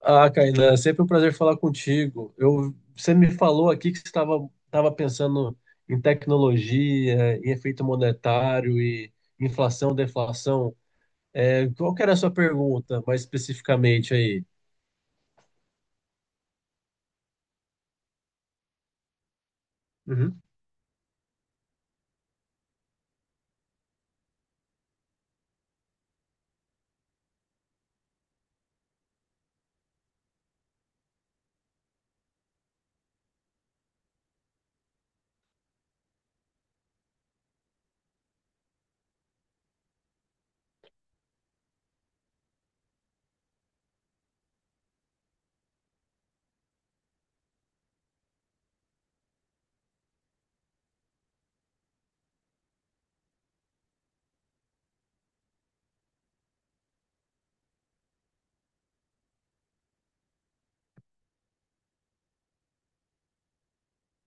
Ah, Kainan, é sempre um prazer falar contigo. Você me falou aqui que você estava pensando em tecnologia, em efeito monetário e inflação, deflação. Qual que era a sua pergunta, mais especificamente aí? Uhum.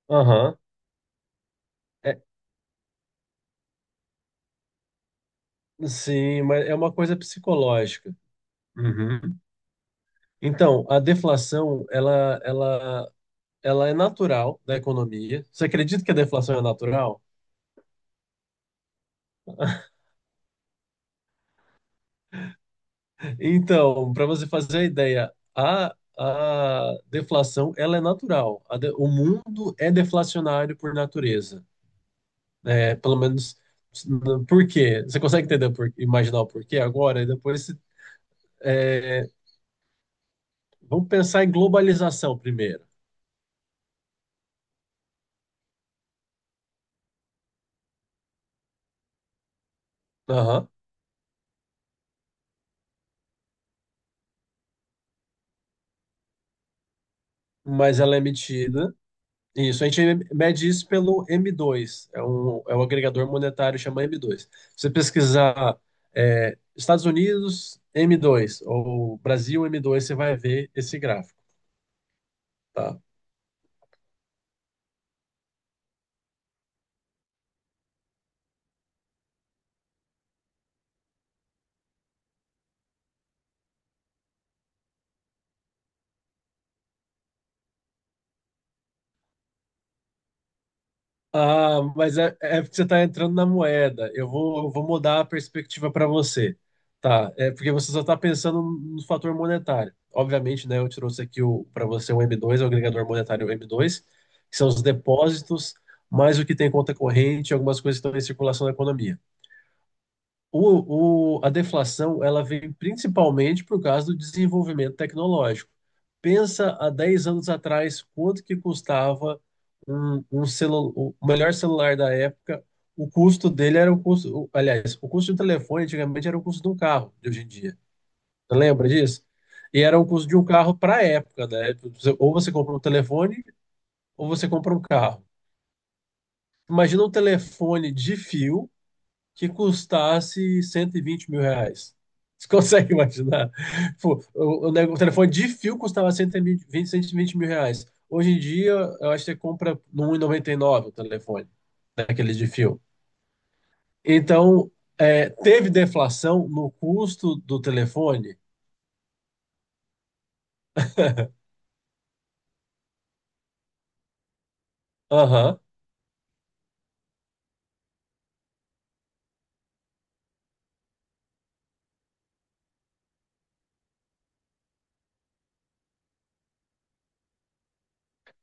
Aham. É, sim, mas é uma coisa psicológica. Uhum. Então, a deflação, ela é natural da economia. Você acredita que a deflação é natural? Então, para você fazer a ideia, a deflação ela é natural. A de- o mundo é deflacionário por natureza. É, pelo menos, por quê? Você consegue entender, imaginar o porquê agora? E depois, é, vamos pensar em globalização primeiro. Aham. Mas ela é emitida. Isso, a gente mede isso pelo m dois é um agregador monetário chama m dois. Se você pesquisar é, Estados Unidos m dois ou Brasil m dois, você vai ver esse gráfico, tá? Ah, mas é, é porque você está entrando na moeda. Eu vou mudar a perspectiva para você. Tá, é porque você só está pensando no fator monetário. Obviamente, né, eu trouxe aqui o para você o m dois, é o agregador monetário m dois, que são os depósitos, mais o que tem em conta corrente, algumas coisas que estão em circulação na economia. A deflação ela veio principalmente por causa do desenvolvimento tecnológico. Pensa há 10 anos atrás quanto que custava um celu, o melhor celular da época. O custo dele era o custo, o- aliás, o custo de um telefone antigamente era o custo de um carro de hoje em dia. Você lembra disso? E era o custo de um carro para a época, né? Ou você compra um telefone ou você compra um carro. Imagina um telefone de fio que custasse 120 mil reais. Você consegue imaginar? Pô, O, o nego- o telefone de fio custava cento e vinte mil reais. Hoje em dia, eu acho que você compra no um e noventa e nove o telefone, daqueles de fio. Então, é, teve deflação no custo do telefone? Aham,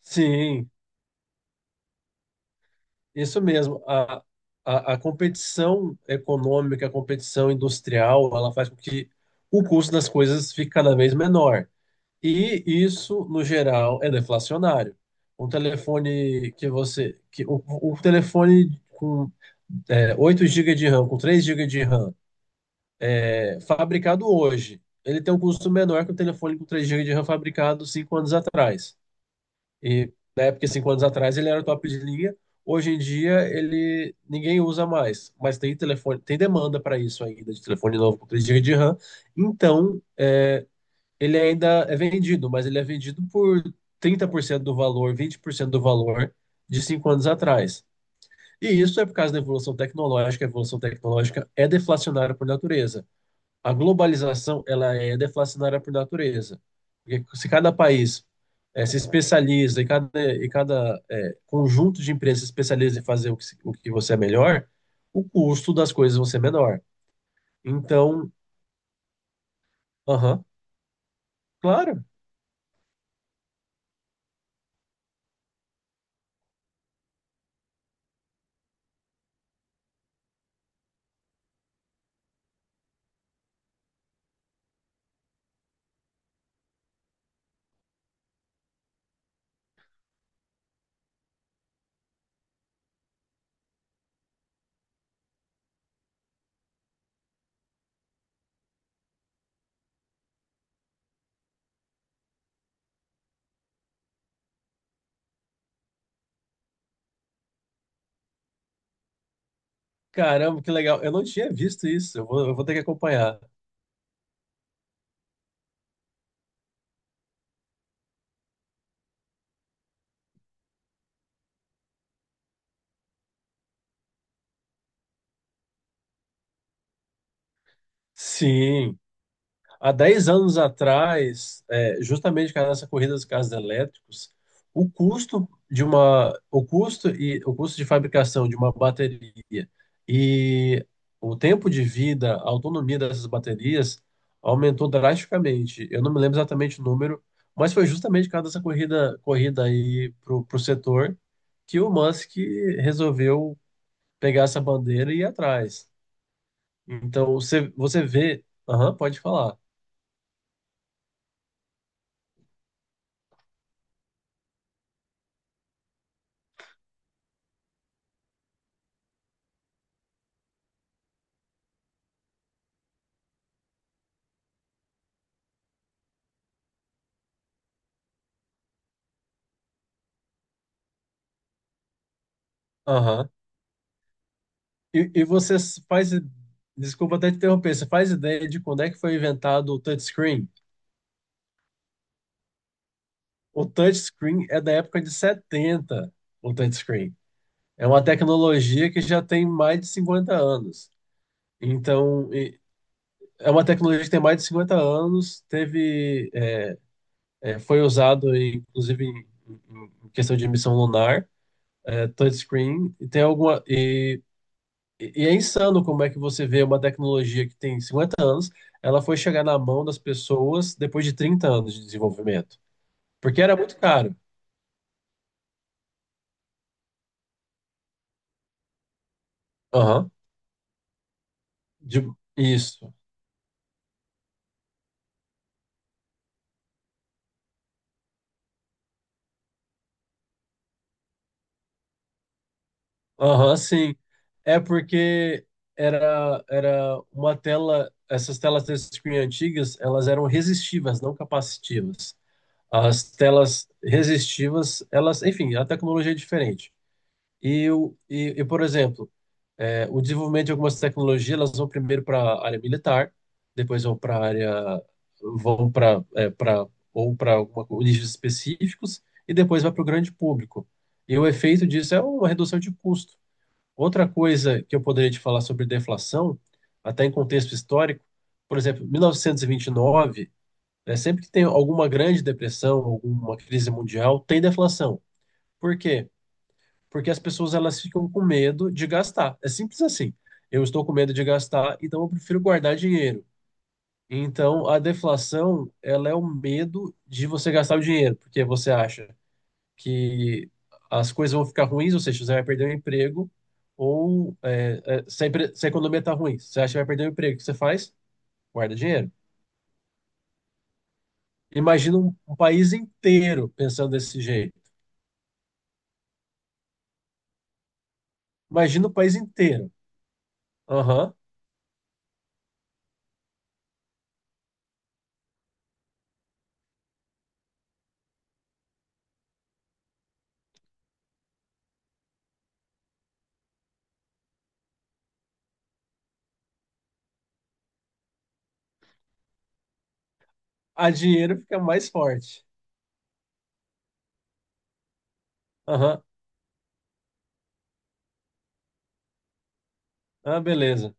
sim, isso mesmo. A competição econômica, a competição industrial, ela faz com que o custo das coisas fique cada vez menor. E isso, no geral, é deflacionário. Um telefone que você. O telefone com é, 8 GB de RAM, com 3 gigas de RAM, é, fabricado hoje, ele tem um custo menor que o telefone com 3 gigas de RAM fabricado 5 anos atrás. E na época, 5 anos atrás, ele era top de linha. Hoje em dia, ele ninguém usa mais. Mas tem telefone, tem demanda para isso ainda, de telefone novo com 3 gigas de RAM. Então, é, ele ainda é vendido, mas ele é vendido por 30% do valor, 20% do valor de cinco anos atrás. E isso é por causa da evolução tecnológica. A evolução tecnológica é deflacionária por natureza. A globalização, ela é deflacionária por natureza. Porque se cada país eh, se especializa e cada eh, conjunto de empresas se especializa em fazer o que, se- o que você é melhor, o custo das coisas vão ser menor. Então, aham, claro. Caramba, que legal. Eu não tinha visto isso. Eu vou ter que acompanhar. Sim. Há 10 anos atrás, é, justamente por causa dessa corrida dos carros elétricos, o custo de uma, o custo e o custo de fabricação de uma bateria e o tempo de vida, a autonomia dessas baterias aumentou drasticamente. Eu não me lembro exatamente o número, mas foi justamente por causa dessa corrida aí pro, pro setor que o Musk resolveu pegar essa bandeira e ir atrás. Então, você, você vê. Aham, pode falar. Aham. E você faz. Desculpa até te interromper. Você faz ideia de quando é que foi inventado o touchscreen? O touchscreen é da época de 70. O touchscreen. É uma tecnologia que já tem mais de 50 anos. Então, e- é uma tecnologia que tem mais de 50 anos, teve, é, é, foi usado, em- inclusive, em, em questão de missão lunar, é, touchscreen, e tem alguma. E é insano como é que você vê uma tecnologia que tem 50 anos, ela foi chegar na mão das pessoas depois de trinta anos de desenvolvimento. Porque era muito caro. Aham, de- isso. Aham, sim. É porque era uma tela, essas telas touchscreen antigas, elas eram resistivas, não capacitivas. As telas resistivas, elas, enfim, a tecnologia é diferente. E, por exemplo, é, o desenvolvimento de algumas tecnologias, elas vão primeiro para a área militar, depois vão para a área, vão para para ou para nichos específicos e depois vai para o grande público. E o efeito disso é uma redução de custo. Outra coisa que eu poderia te falar sobre deflação, até em contexto histórico, por exemplo, 1929, né, sempre que tem alguma grande depressão, alguma crise mundial, tem deflação. Por quê? Porque as pessoas elas ficam com medo de gastar. É simples assim. Eu estou com medo de gastar, então eu prefiro guardar dinheiro. Então a deflação, ela é o medo de você gastar o dinheiro, porque você acha que as coisas vão ficar ruins, ou seja, você vai perder o emprego, ou é, é, se, a, empre- se a economia está ruim, você acha que vai perder o emprego, o que você faz? Guarda dinheiro. Imagina um país inteiro pensando desse jeito. Imagina o país inteiro. Aham. A dinheiro fica mais forte. Aham. Ah, beleza.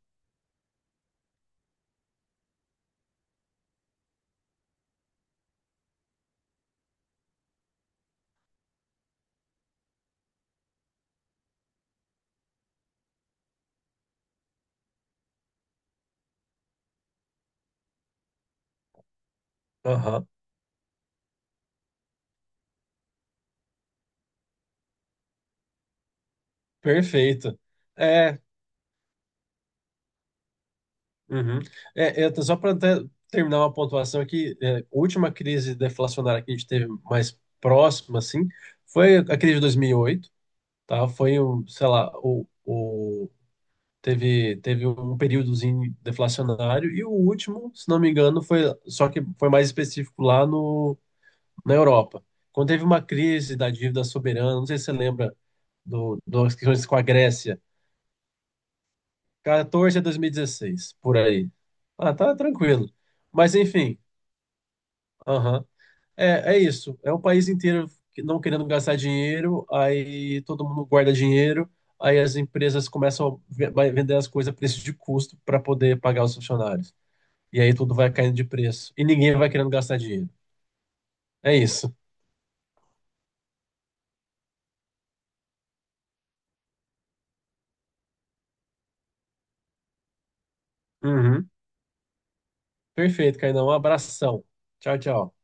Aham, perfeito. É, uhum. Só para terminar uma pontuação aqui, é, a última crise deflacionária que a gente teve mais próxima, assim, foi a crise de 2008, tá? Foi, um, sei lá, o, teve um períodozinho deflacionário e o último, se não me engano, foi, só que foi mais específico lá no, na Europa. Quando teve uma crise da dívida soberana, não sei se você lembra do, das questões com a Grécia, 14 a 2016, por aí. Ah, tá tranquilo. Mas enfim, aham. É, é isso. É o país inteiro que- não querendo gastar dinheiro, aí todo mundo guarda dinheiro, aí as empresas começam a ve- vai vender as coisas a preço de custo para poder pagar os funcionários. E aí tudo vai caindo de preço. E ninguém vai querendo gastar dinheiro. É isso. Uhum. Perfeito, Cainão. Um abração. Tchau, tchau.